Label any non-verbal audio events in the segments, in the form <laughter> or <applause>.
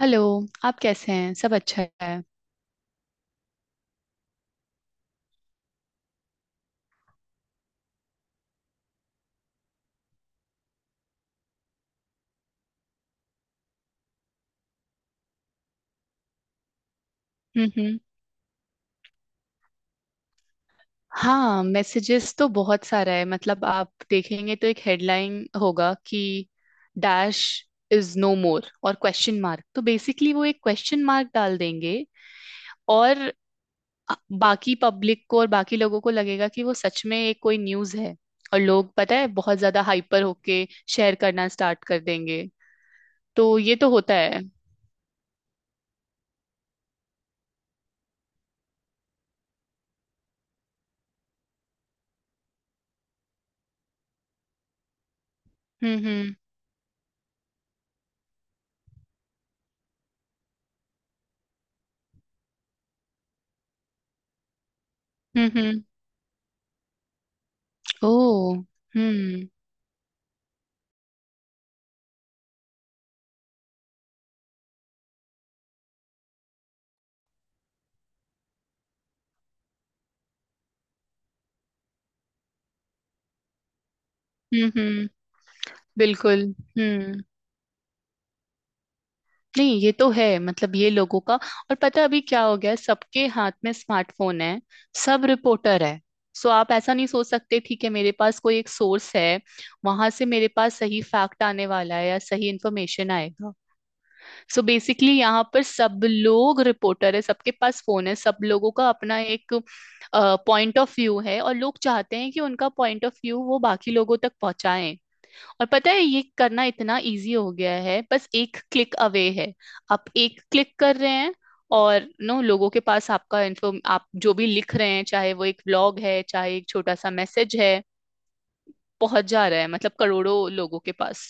Hello. आप कैसे हैं? सब अच्छा है? हम्म। हम्म। हाँ, मैसेजेस तो बहुत सारा है, मतलब आप देखेंगे तो एक हेडलाइन होगा कि डैश इज नो मोर और क्वेश्चन मार्क। तो बेसिकली वो एक क्वेश्चन मार्क डाल देंगे, और बाकी पब्लिक को और बाकी लोगों को लगेगा कि वो सच में एक कोई न्यूज़ है। और लोग, पता है, बहुत ज्यादा हाइपर होके शेयर करना स्टार्ट कर देंगे। तो ये तो होता है। हम्म। हम्म। हम्म। हम्म। ओह। हम्म। हम्म। हम्म। बिल्कुल। हम्म। नहीं, ये तो है, मतलब ये लोगों का, और पता है अभी क्या हो गया है, सबके हाथ में स्मार्टफोन है। सब रिपोर्टर है। सो आप ऐसा नहीं सोच सकते ठीक है, मेरे पास कोई एक सोर्स है, वहां से मेरे पास सही फैक्ट आने वाला है या सही इंफॉर्मेशन आएगा। सो बेसिकली यहाँ पर सब लोग रिपोर्टर है, सबके पास फोन है, सब लोगों का अपना एक पॉइंट ऑफ व्यू है, और लोग चाहते हैं कि उनका पॉइंट ऑफ व्यू वो बाकी लोगों तक पहुंचाएं। और पता है ये करना इतना इजी हो गया है, बस एक क्लिक अवे है। आप एक क्लिक कर रहे हैं और नो लोगों के पास आपका इन्फॉर्म, आप जो भी लिख रहे हैं, चाहे वो एक ब्लॉग है, चाहे एक छोटा सा मैसेज है, पहुंच जा रहा है, मतलब करोड़ों लोगों के पास।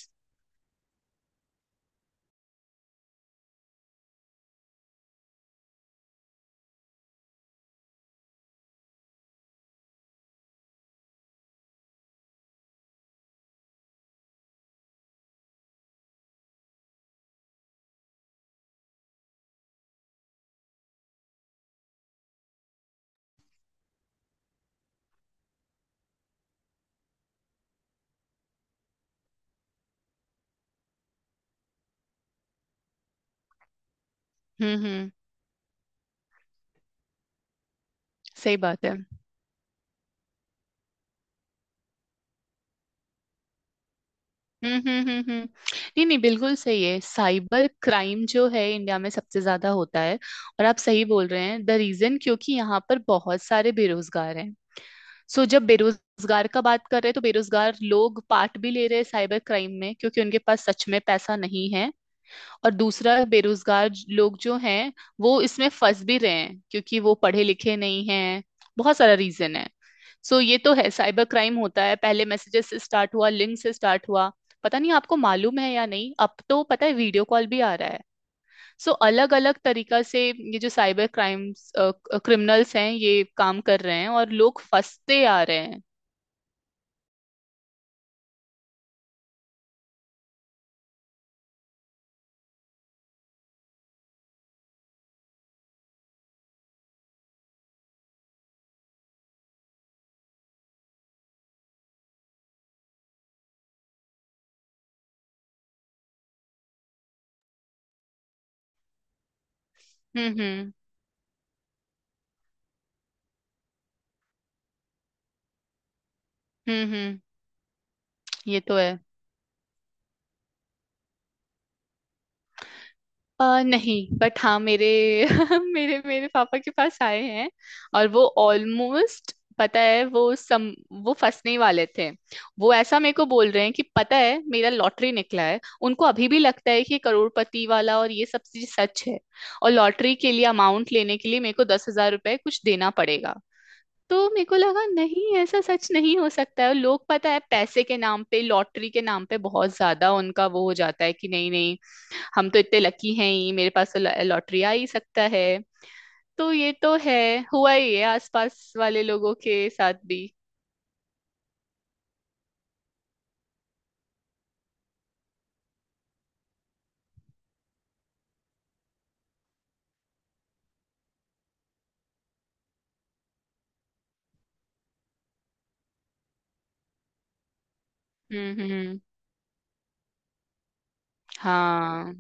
हम्म। हम्म। सही बात है। हम्म। हम्म। हम्म। हम्म। नहीं नहीं, बिल्कुल सही है। साइबर क्राइम जो है इंडिया में सबसे ज्यादा होता है। और आप सही बोल रहे हैं, द रीजन, क्योंकि यहाँ पर बहुत सारे बेरोजगार हैं। सो जब बेरोजगार का बात कर रहे हैं तो बेरोजगार लोग पार्ट भी ले रहे हैं साइबर क्राइम में, क्योंकि उनके पास सच में पैसा नहीं है। और दूसरा, बेरोजगार लोग जो हैं वो इसमें फंस भी रहे हैं क्योंकि वो पढ़े लिखे नहीं हैं। बहुत सारा रीजन है। सो ये तो है, साइबर क्राइम होता है, पहले मैसेजेस से स्टार्ट हुआ, लिंक से स्टार्ट हुआ। पता नहीं आपको मालूम है या नहीं, अब तो पता है वीडियो कॉल भी आ रहा है। सो अलग अलग तरीका से ये जो साइबर क्राइम्स क्रिमिनल्स हैं ये काम कर रहे हैं और लोग फंसते आ रहे हैं। हम्म। हम्म। हम्म। हम्म। ये तो है। नहीं, बट हाँ, मेरे <laughs> मेरे मेरे पापा के पास आए हैं। और वो ऑलमोस्ट, पता है, वो फंसने ही वाले थे। वो ऐसा मेरे को बोल रहे हैं कि पता है मेरा लॉटरी निकला है। उनको अभी भी लगता है कि करोड़पति वाला और ये सब चीज सच है। और लॉटरी के लिए अमाउंट लेने के लिए मेरे को 10,000 रुपए कुछ देना पड़ेगा। तो मेरे को लगा नहीं, ऐसा सच नहीं हो सकता है। लोग, पता है, पैसे के नाम पे, लॉटरी के नाम पे बहुत ज्यादा उनका वो हो जाता है कि नहीं नहीं, हम तो इतने लकी हैं ही, मेरे पास तो लॉटरी आ ही सकता है। तो ये तो है, हुआ ही है आसपास वाले लोगों के साथ भी। हम्म। हम्म। हम्म। हाँ।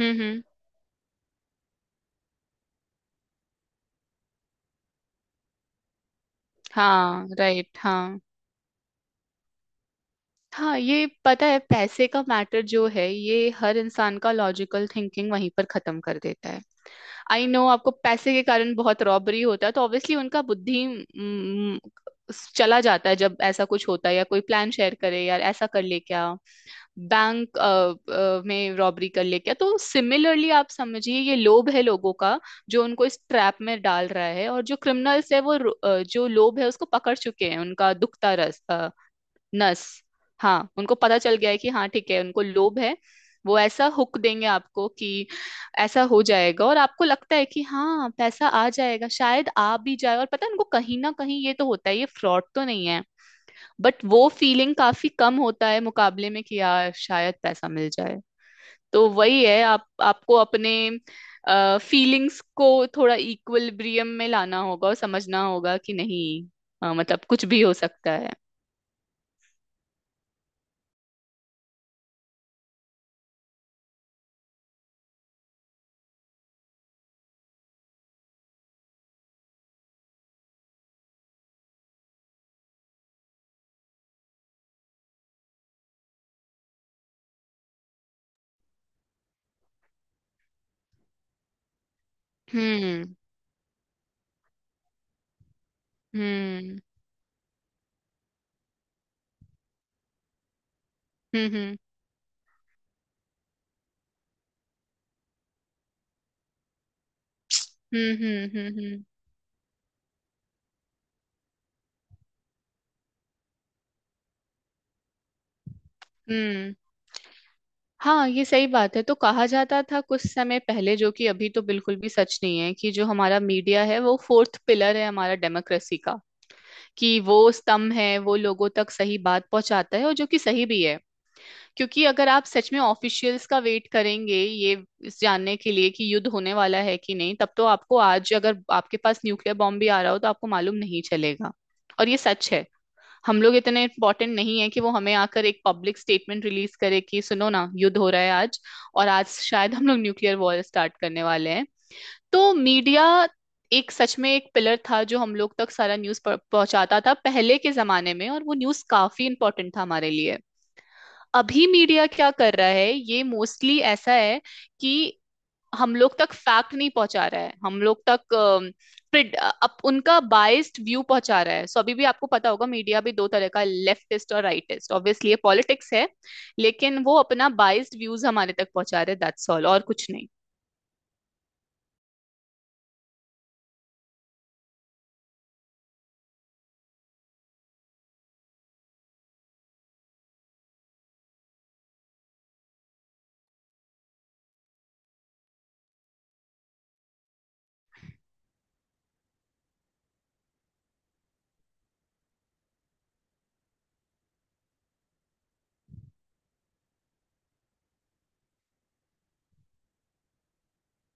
हम्म। हम्म। हाँ, राइट, हाँ। हाँ, ये पता है पैसे का मैटर जो है ये हर इंसान का लॉजिकल थिंकिंग वहीं पर खत्म कर देता है। आई नो, आपको पैसे के कारण बहुत रॉबरी होता है, तो ऑब्वियसली उनका बुद्धि चला जाता है। जब ऐसा कुछ होता है या कोई प्लान शेयर करे, यार ऐसा कर ले क्या, बैंक में रॉबरी कर ले क्या, तो सिमिलरली आप समझिए ये लोभ है लोगों का जो उनको इस ट्रैप में डाल रहा है। और जो क्रिमिनल्स है वो जो लोभ है उसको पकड़ चुके हैं, उनका दुखता रस, नस। हाँ, उनको पता चल गया है कि हाँ ठीक है, उनको लोभ है। वो ऐसा हुक देंगे आपको कि ऐसा हो जाएगा, और आपको लगता है कि हाँ पैसा आ जाएगा, शायद आ भी जाए। और पता है, उनको कहीं ना कहीं ये तो होता है, ये फ्रॉड तो नहीं है, बट वो फीलिंग काफी कम होता है मुकाबले में कि यार शायद पैसा मिल जाए। तो वही है, आप आपको अपने फीलिंग्स को थोड़ा इक्विलिब्रियम में लाना होगा, और समझना होगा कि नहीं, मतलब कुछ भी हो सकता है। हम्म। हम्म। हम्म। हम्म। हम्म। हम्म। हम्म। हम्म। हम्म। हाँ, ये सही बात है। तो कहा जाता था कुछ समय पहले, जो कि अभी तो बिल्कुल भी सच नहीं है, कि जो हमारा मीडिया है वो फोर्थ पिलर है हमारा डेमोक्रेसी का, कि वो स्तंभ है, वो लोगों तक सही बात पहुंचाता है, और जो कि सही भी है। क्योंकि अगर आप सच में ऑफिशियल्स का वेट करेंगे ये इस जानने के लिए कि युद्ध होने वाला है कि नहीं, तब तो आपको, आज अगर आपके पास न्यूक्लियर बॉम्ब भी आ रहा हो तो आपको मालूम नहीं चलेगा। और ये सच है, हम लोग इतने इम्पोर्टेंट नहीं है कि वो हमें आकर एक पब्लिक स्टेटमेंट रिलीज करे कि सुनो ना, युद्ध हो रहा है आज, और आज शायद हम लोग न्यूक्लियर वॉर स्टार्ट करने वाले हैं। तो मीडिया एक सच में एक पिलर था जो हम लोग तक सारा न्यूज पहुंचाता था पहले के जमाने में, और वो न्यूज काफी इंपॉर्टेंट था हमारे लिए। अभी मीडिया क्या कर रहा है, ये मोस्टली ऐसा है कि हम लोग तक फैक्ट नहीं पहुंचा रहा है, हम लोग तक प्रिड अप उनका बाइस्ड व्यू पहुंचा रहा है। सो, अभी भी आपको पता होगा मीडिया भी दो तरह का, लेफ्टिस्ट और राइटिस्ट, ऑब्वियसली ये पॉलिटिक्स है, लेकिन वो अपना बाइस्ड व्यूज हमारे तक पहुंचा रहे, दैट्स ऑल, और कुछ नहीं।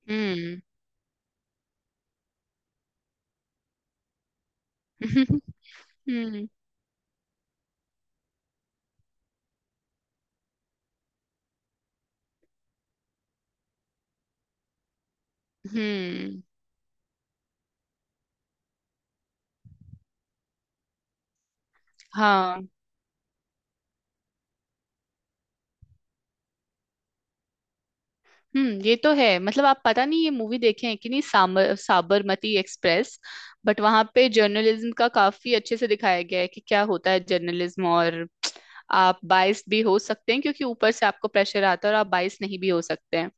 हम्म। <laughs> हम्म। हम्म। हाँ। हम्म। ये तो है, मतलब आप पता नहीं ये मूवी देखे हैं कि नहीं, सामर साबरमती एक्सप्रेस, बट वहां पे जर्नलिज्म का काफी अच्छे से दिखाया गया है कि क्या होता है जर्नलिज्म। और आप बाइस भी हो सकते हैं क्योंकि ऊपर से आपको प्रेशर आता है, और आप बाइस नहीं भी हो सकते हैं।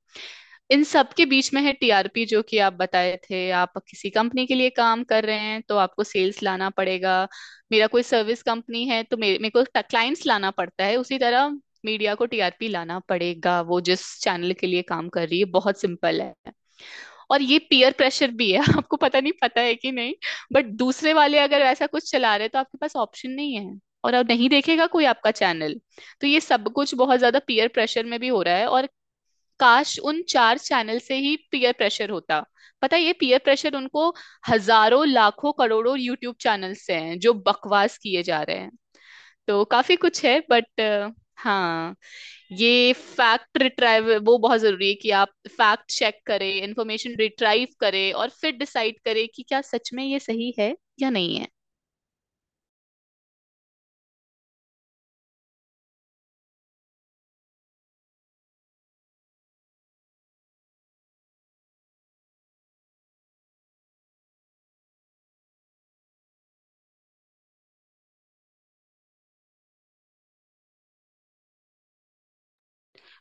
इन सब के बीच में है टीआरपी, जो कि आप बताए थे, आप किसी कंपनी के लिए काम कर रहे हैं तो आपको सेल्स लाना पड़ेगा। मेरा कोई सर्विस कंपनी है तो मेरे मेरे को क्लाइंट्स लाना पड़ता है, उसी तरह मीडिया को टीआरपी लाना पड़ेगा वो जिस चैनल के लिए काम कर रही है। बहुत सिंपल है। और ये पीयर प्रेशर भी है। <laughs> आपको पता नहीं पता है कि नहीं, बट दूसरे वाले अगर ऐसा कुछ चला रहे हैं तो आपके पास ऑप्शन नहीं है, और अब नहीं देखेगा कोई आपका चैनल। तो ये सब कुछ बहुत ज्यादा पीयर प्रेशर में भी हो रहा है, और काश उन चार चैनल से ही पीयर प्रेशर होता। पता है ये पीयर प्रेशर उनको हजारों लाखों करोड़ों यूट्यूब चैनल से हैं जो बकवास किए जा रहे हैं। तो काफी कुछ है बट, हाँ, ये फैक्ट रिट्राइव वो बहुत जरूरी है कि आप फैक्ट चेक करें, इंफॉर्मेशन रिट्राइव करें, और फिर डिसाइड करें कि क्या सच में ये सही है या नहीं है।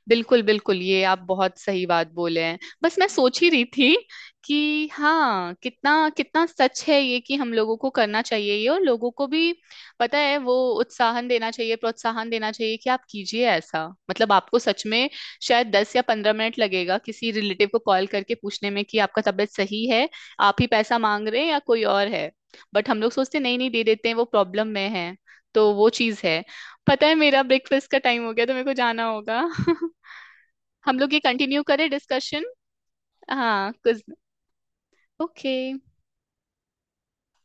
बिल्कुल बिल्कुल, ये आप बहुत सही बात बोले हैं। बस मैं सोच ही रही थी कि हाँ, कितना कितना सच है ये कि हम लोगों को करना चाहिए ये, और लोगों को भी, पता है, वो उत्साहन देना चाहिए, प्रोत्साहन देना चाहिए कि आप कीजिए ऐसा, मतलब आपको सच में शायद 10 या 15 मिनट लगेगा किसी रिलेटिव को कॉल करके पूछने में कि आपका तबीयत सही है, आप ही पैसा मांग रहे हैं या कोई और है, बट हम लोग सोचते हैं, नहीं नहीं दे देते हैं, वो प्रॉब्लम में है। तो वो चीज है। पता है मेरा ब्रेकफास्ट का टाइम हो गया तो मेरे को जाना होगा। <laughs> हम लोग ये कंटिन्यू करें डिस्कशन। हाँ, कुछ। ओके।